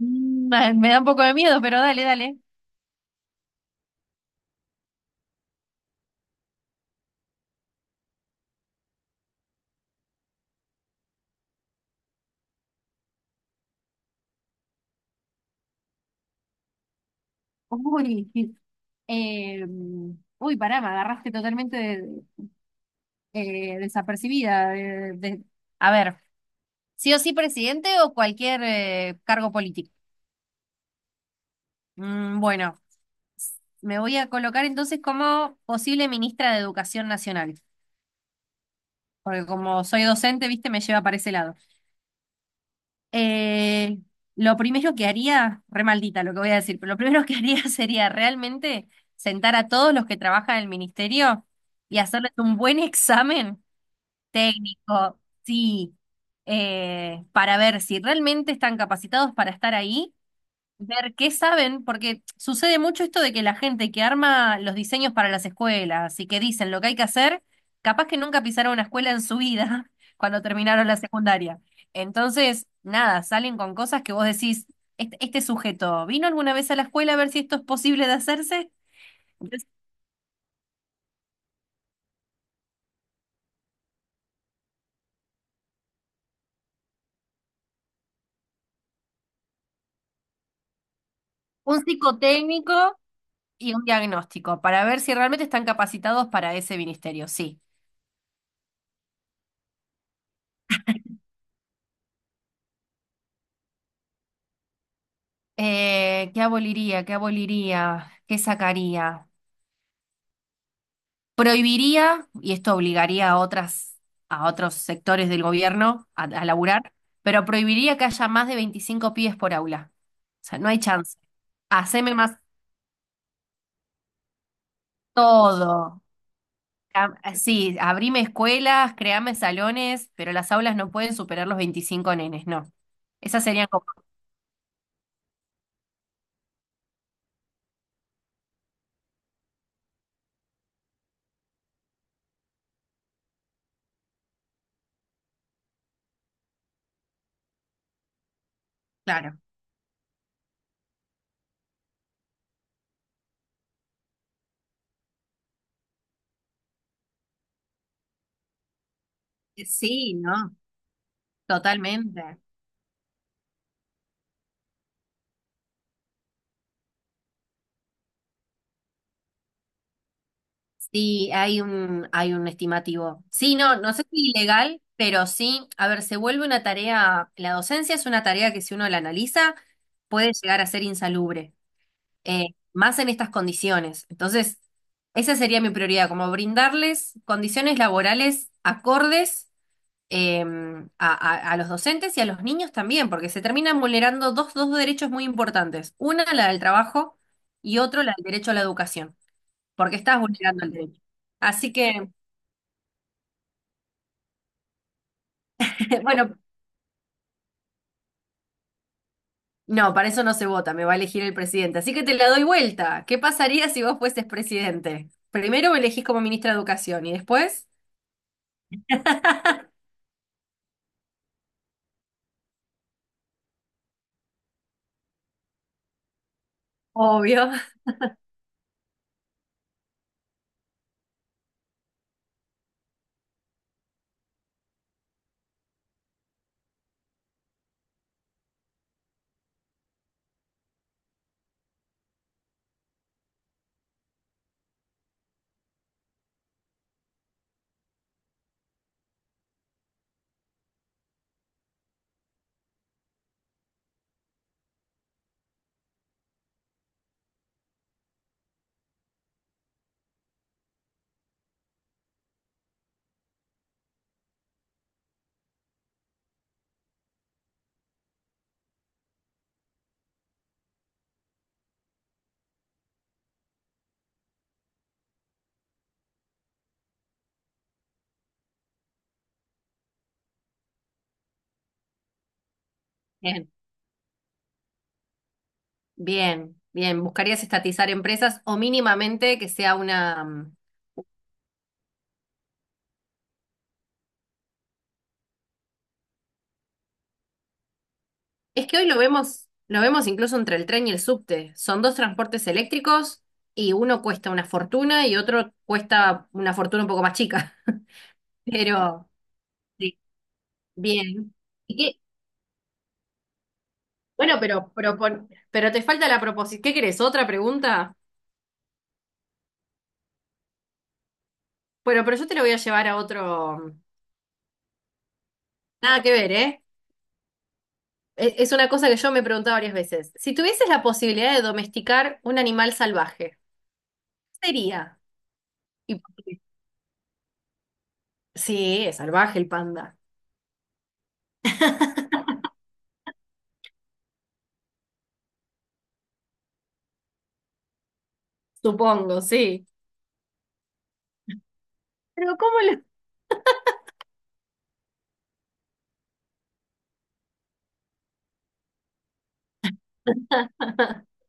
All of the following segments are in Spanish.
Me da un poco de miedo, pero dale, dale. Uy, sí. eh, Pará, me agarraste totalmente desapercibida. A ver, ¿sí o sí presidente o cualquier cargo político? Bueno, me voy a colocar entonces como posible ministra de Educación Nacional, porque como soy docente, viste, me lleva para ese lado. Eh, lo primero que haría, re maldita lo que voy a decir, pero lo primero que haría sería realmente sentar a todos los que trabajan en el ministerio y hacerles un buen examen técnico, sí, para ver si realmente están capacitados para estar ahí. Ver qué saben, porque sucede mucho esto de que la gente que arma los diseños para las escuelas y que dicen lo que hay que hacer, capaz que nunca pisaron una escuela en su vida cuando terminaron la secundaria. Entonces, nada, salen con cosas que vos decís, este sujeto, ¿vino alguna vez a la escuela a ver si esto es posible de hacerse? Entonces, un psicotécnico y un diagnóstico para ver si realmente están capacitados para ese ministerio, sí. ¿Qué aboliría? ¿Qué aboliría? ¿Qué sacaría? Prohibiría, y esto obligaría a otras, a otros sectores del gobierno a laburar, pero prohibiría que haya más de 25 pibes por aula. O sea, no hay chance. Haceme más todo. Cam- Sí, abrime escuelas, creame salones, pero las aulas no pueden superar los 25 nenes, no. Esas serían como, claro. Sí, ¿no? Totalmente. Sí, hay un estimativo. Sí, no, no sé si ilegal, pero sí, a ver, se vuelve una tarea, la docencia es una tarea que si uno la analiza puede llegar a ser insalubre, eh, más en estas condiciones. Entonces, esa sería mi prioridad, como brindarles condiciones laborales acordes eh, a, a los docentes y a los niños también, porque se terminan vulnerando dos derechos muy importantes. Una, la del trabajo, y otro, la del derecho a la educación, porque estás vulnerando el derecho. Así que, bueno, no, para eso no se vota, me va a elegir el presidente. Así que te la doy vuelta. ¿Qué pasaría si vos fueses presidente? Primero me elegís como ministra de Educación y después, obvio. Bien, bien, bien. ¿Buscarías estatizar empresas o mínimamente que sea una... Es que hoy lo vemos incluso entre el tren y el subte. Son dos transportes eléctricos y uno cuesta una fortuna y otro cuesta una fortuna un poco más chica. Pero, sí, bien. ¿Y bueno, pero, pero te falta la proposición? ¿Qué querés? ¿Otra pregunta? Bueno, pero yo te lo voy a llevar a otro. Nada que ver, ¿eh? Es una cosa que yo me he preguntado varias veces. Si tuvieses la posibilidad de domesticar un animal salvaje, ¿qué sería? ¿Y por qué? Sí, es salvaje el panda. Supongo, sí. Pero ¿cómo lo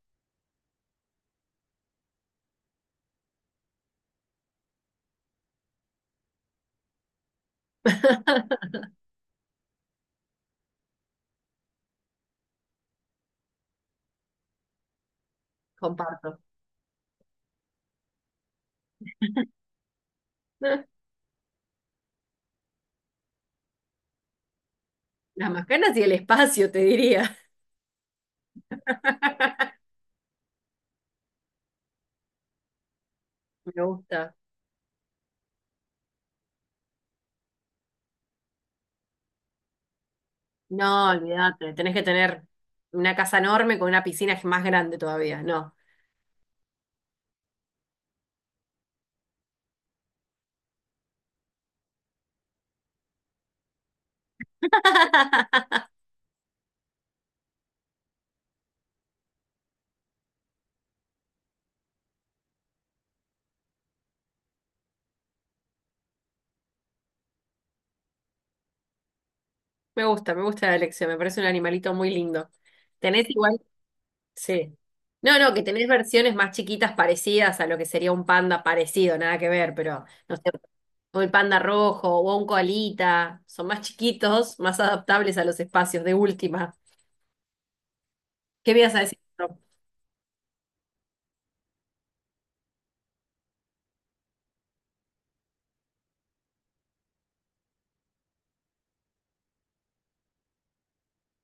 comparto? Las macanas y el espacio, te diría. Me gusta. No, olvídate, tenés que tener una casa enorme con una piscina más grande todavía, no. Me gusta la elección, me parece un animalito muy lindo. Tenés igual, sí. No, no, que tenés versiones más chiquitas parecidas a lo que sería un panda parecido, nada que ver, pero no sé, o el panda rojo o un koalita, son más chiquitos, más adaptables a los espacios de última. ¿Qué me ibas a decir?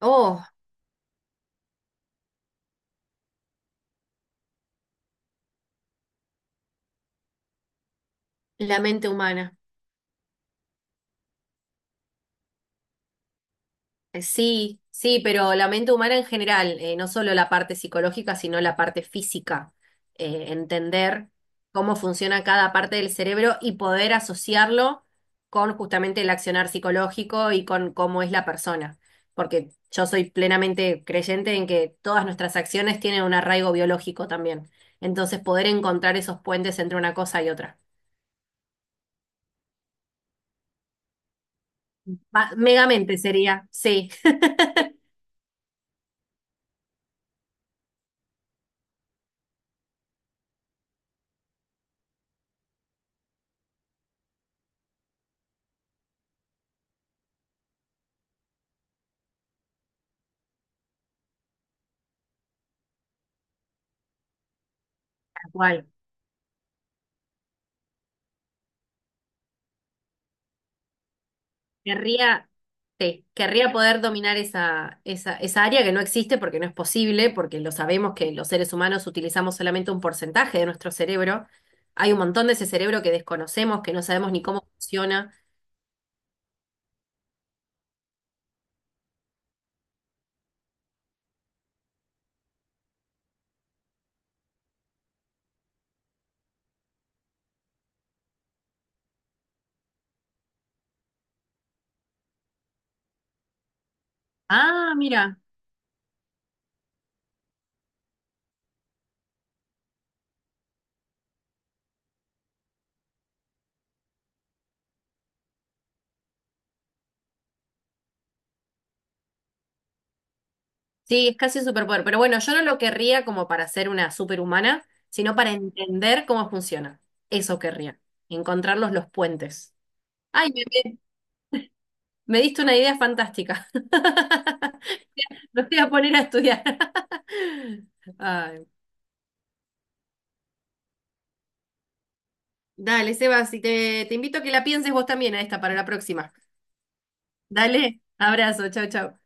Oh, la mente humana. Sí, sí, pero la mente humana en general, no solo la parte psicológica, sino la parte física. Entender cómo funciona cada parte del cerebro y poder asociarlo con justamente el accionar psicológico y con cómo es la persona. Porque yo soy plenamente creyente en que todas nuestras acciones tienen un arraigo biológico también. Entonces, poder encontrar esos puentes entre una cosa y otra. Megamente sería, sí, tal cual. Querría, sí, querría poder dominar esa, esa, esa área que no existe porque no es posible, porque lo sabemos que los seres humanos utilizamos solamente un porcentaje de nuestro cerebro. Hay un montón de ese cerebro que desconocemos, que no sabemos ni cómo funciona. Ah, mira, sí, es casi un superpoder. Pero bueno, yo no lo querría como para ser una superhumana, sino para entender cómo funciona. Eso querría, encontrar los puentes. Ay, me diste una idea fantástica. No te voy a poner a estudiar. Ay. Dale, Sebas, y te invito a que la pienses vos también a esta para la próxima. Dale, abrazo, chao, chao.